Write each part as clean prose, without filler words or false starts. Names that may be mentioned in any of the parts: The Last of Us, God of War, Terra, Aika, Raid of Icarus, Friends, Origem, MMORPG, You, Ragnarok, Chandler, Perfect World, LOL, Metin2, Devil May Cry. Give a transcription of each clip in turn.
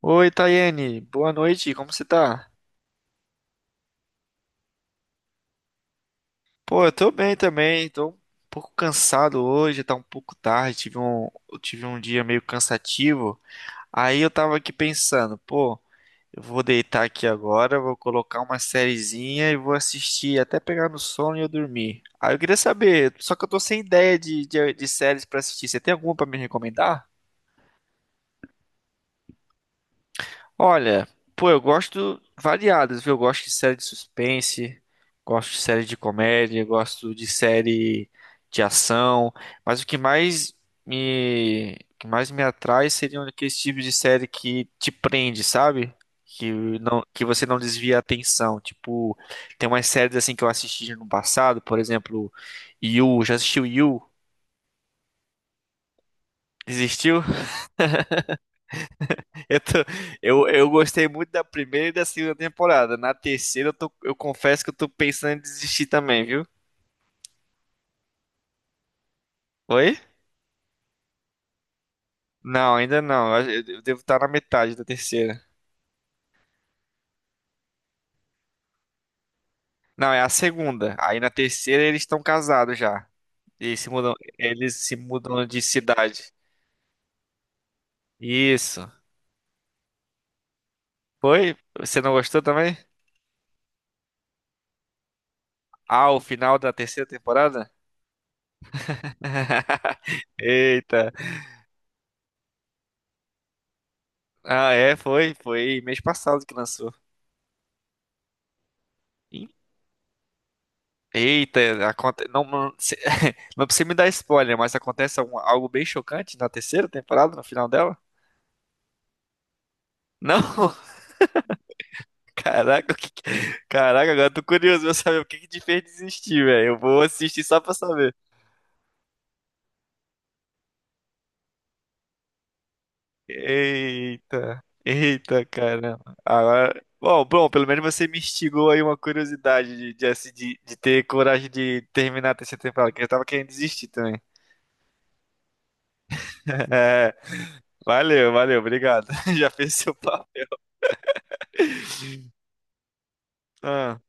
Oi, Tayene. Boa noite, como você tá? Pô, eu tô bem também, tô um pouco cansado hoje, tá um pouco tarde, eu tive um dia meio cansativo. Aí eu tava aqui pensando, pô, eu vou deitar aqui agora, vou colocar uma sériezinha e vou assistir até pegar no sono e eu dormir. Aí eu queria saber, só que eu tô sem ideia de séries pra assistir, você tem alguma pra me recomendar? Olha, pô, eu gosto variadas, viu? Eu gosto de série de suspense, gosto de série de comédia, gosto de série de ação, mas o que mais o que mais me atrai seriam aqueles tipos de série que te prende, sabe? Que não, que você não desvia a atenção. Tipo, tem umas séries assim que eu assisti no passado, por exemplo, You, já assistiu You? Existiu? Eu, tô- eu gostei muito da primeira e da segunda temporada. Na terceira, eu confesso que eu tô pensando em desistir também, viu? Oi? Não, ainda não. Eu devo estar na metade da terceira. Não, é a segunda. Aí na terceira eles estão casados já. E se mudam, eles se mudam de cidade. Isso. Foi? Você não gostou também? Ah, o final da terceira temporada? Eita. Ah, é, foi. Foi mês passado que lançou. Eita, aconte... não, não, se- não precisa me dar spoiler, mas acontece algo bem chocante na terceira temporada, no final dela? Não, caraca, o que... que- caraca, agora eu tô curioso pra saber o que que te fez desistir, velho. Eu vou assistir só pra saber. Eita, eita, caramba. Agora, bom, pelo menos você me instigou aí uma curiosidade de ter coragem de terminar a terceira temporada, que eu tava querendo desistir também. É, valeu, obrigado. Já fez seu papel. Ah.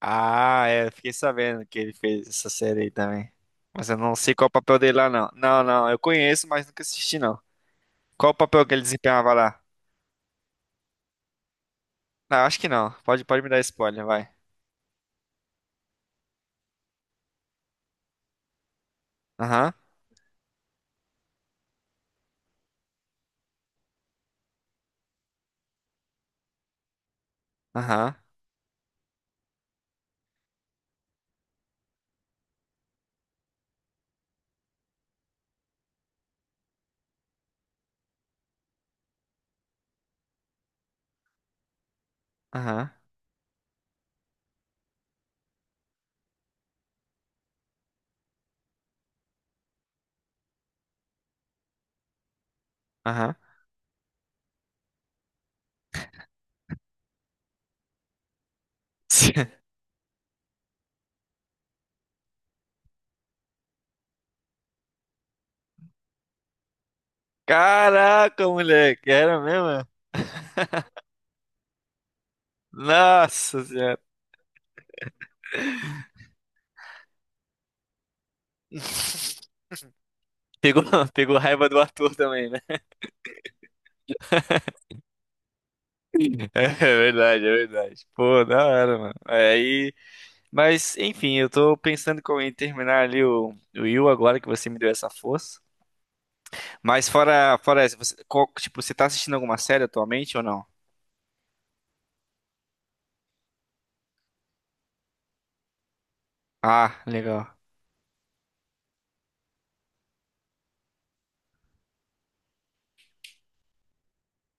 Ah, é, eu fiquei sabendo que ele fez essa série aí também. Mas eu não sei qual é o papel dele lá, não. Eu conheço, mas nunca assisti, não. Qual o papel que ele desempenhava lá? Não, acho que não. Pode me dar spoiler, vai. Aham, aham, aham, aham. Caraca, moleque, era mesmo? Nossa senhora. Pegou, pegou raiva do ator também, né? É verdade, é verdade. Pô, da hora, mano. Aí. Mas, enfim, eu tô pensando co- em terminar ali o Yu agora que você me deu essa força. Mas fora essa, tipo, você tá assistindo alguma série atualmente ou não? Ah, legal.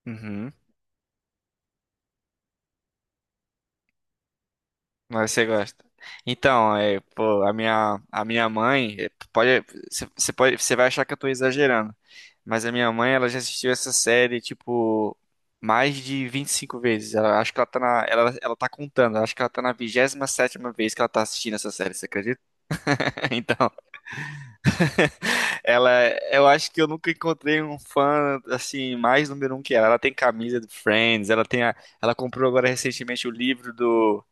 Uhum. Mas você gosta. Então, é, pô, a minha mãe, você pode, você vai achar que eu tô exagerando, mas a minha mãe, ela já assistiu essa série, tipo, mais de 25 vezes. Acho que ela tá contando, acho que ela tá na vigésima sétima vez que ela tá assistindo essa série, você acredita? Então, Ela, eu acho que eu nunca encontrei um fã assim mais número um que ela. Ela tem camisa do Friends, ela comprou agora recentemente o livro do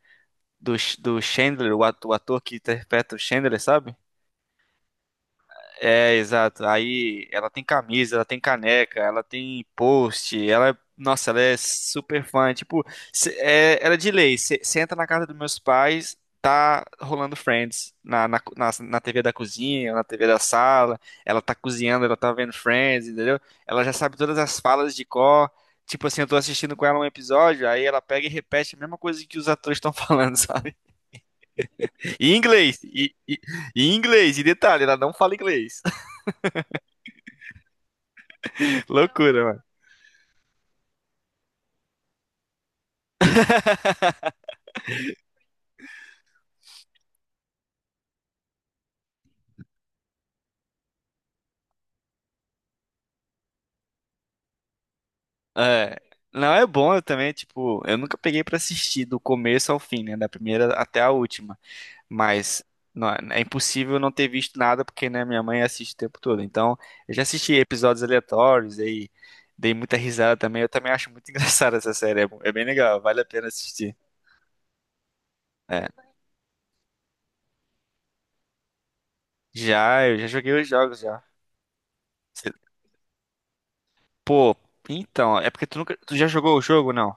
do, do Chandler, o ator que interpreta o Chandler, sabe? É, exato. Aí ela tem camisa, ela tem caneca, ela tem post, nossa, ela é super fã. Tipo, é, era de lei. Você entra na casa dos meus pais, tá rolando Friends na TV da cozinha, na TV da sala. Ela tá cozinhando, ela tá vendo Friends, entendeu? Ela já sabe todas as falas de cor. Tipo assim, eu tô assistindo com ela um episódio, aí ela pega e repete a mesma coisa que os atores estão falando, sabe? E em inglês, e em inglês, e detalhe, ela não fala inglês. Loucura, é. Não, é bom, eu também, tipo, eu nunca peguei pra assistir do começo ao fim, né? Da primeira até a última. Mas não, é impossível não ter visto nada, porque, né, minha mãe assiste o tempo todo. Então, eu já assisti episódios aleatórios, aí dei muita risada também. Eu também acho muito engraçada essa série. É, é bem legal, vale a pena assistir. É. Já, eu já joguei os jogos já. Cê- Pô, então, é porque tu nunca. Tu já jogou o jogo, não?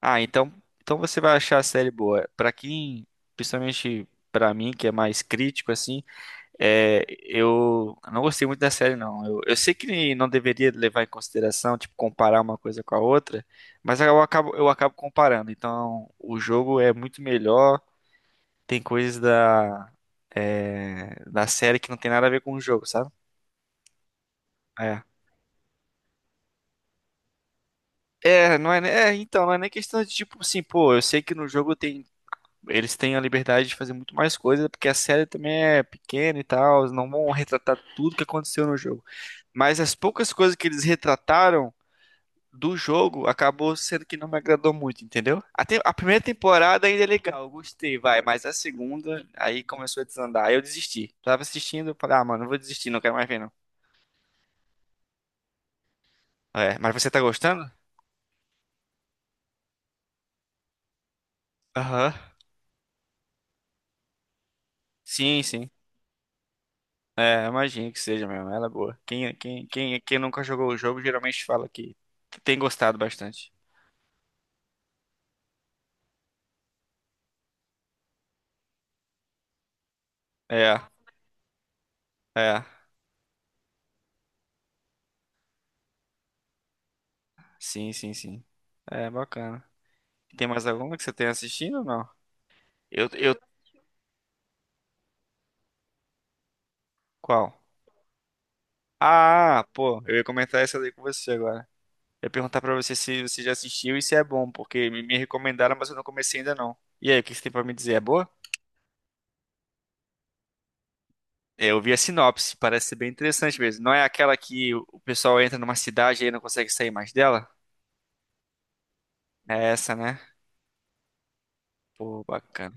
Ah, então, então você vai achar a série boa. Pra quem, principalmente pra mim, que é mais crítico assim, é, eu não gostei muito da série não. Eu sei que não deveria levar em consideração, tipo, comparar uma coisa com a outra, mas eu acabo comparando. Então, o jogo é muito melhor, tem coisas da é, da série que não tem nada a ver com o jogo, sabe? É. É, não é, ne- é, então, não é nem questão de tipo assim, pô, eu sei que no jogo tem eles têm a liberdade de fazer muito mais coisa, porque a série também é pequena e tal, eles não vão retratar tudo que aconteceu no jogo. Mas as poucas coisas que eles retrataram do jogo acabou sendo que não me agradou muito, entendeu? A primeira temporada ainda é legal, eu gostei, vai, mas a segunda aí começou a desandar, aí eu desisti. Tava assistindo, falei, ah, mano, eu vou desistir, não quero mais ver não. É, mas você tá gostando? Aham. Sim, sim. É, imagino que seja mesmo, ela é boa. Quem nunca jogou o jogo geralmente fala que tem gostado bastante. É, é. Sim, sim, sim. É bacana. Tem mais alguma que você tenha assistindo ou não? Eu, eu... Qual? Ah, pô, eu ia comentar essa daí com você agora. Eu ia perguntar pra você se você já assistiu e se é bom, porque me recomendaram, mas eu não comecei ainda não. E aí, o que você tem pra me dizer? É boa? É, eu vi a sinopse, parece ser bem interessante mesmo. Não é aquela que o pessoal entra numa cidade e aí não consegue sair mais dela? É essa, né? Pô, bacana.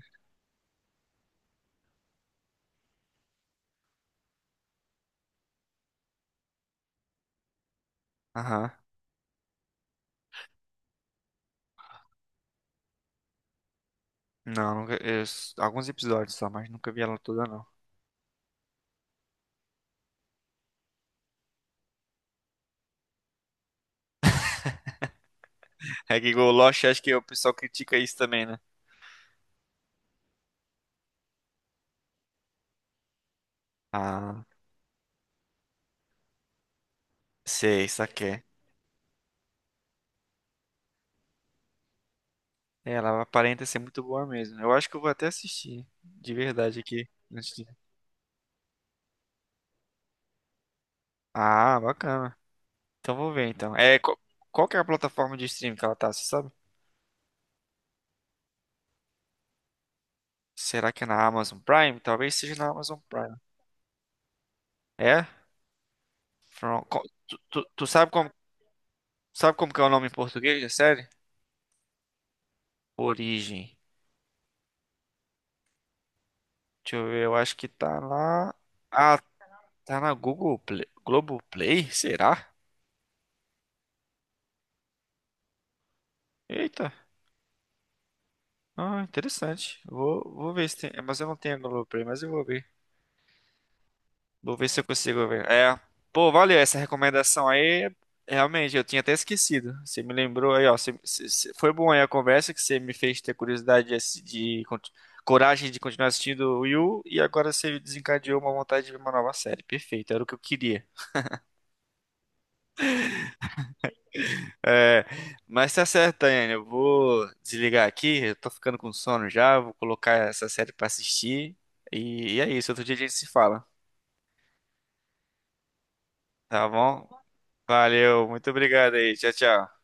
Aham. Não, nunca, eu- alguns episódios só, mas nunca vi ela toda, não. Hack Go Lost, acho que o pessoal critica isso também, né? Ah, sei, saquei. É, ela aparenta ser muito boa mesmo, né? Eu acho que eu vou até assistir, de verdade aqui, ah, bacana. Então vou ver então. É, qual que é a plataforma de streaming que ela tá, você sabe? Será que é na Amazon Prime? Talvez seja na Amazon Prime. É? Tu sabe como que é o nome em português da série? Origem. Deixa eu ver, eu acho que tá lá. Ah, tá na Google Play. Globoplay? Será? Eita. Ah, interessante. Vou ver se tem. É, mas eu não tenho Globoplay, mas eu vou ver. Vou ver se eu consigo ver. É. Pô, valeu essa recomendação aí. Realmente, eu tinha até esquecido. Você me lembrou aí, ó. Foi bom aí a conversa que você me fez ter curiosidade de coragem de continuar assistindo o Yu. E agora você desencadeou uma vontade de ver uma nova série. Perfeito, era o que eu queria. É, mas tá certo, Daiane. Eu vou desligar aqui. Eu tô ficando com sono já. Vou colocar essa série pra assistir. E é isso. Outro dia a gente se fala. Tá bom? Valeu, muito obrigado aí. Tchau, tchau.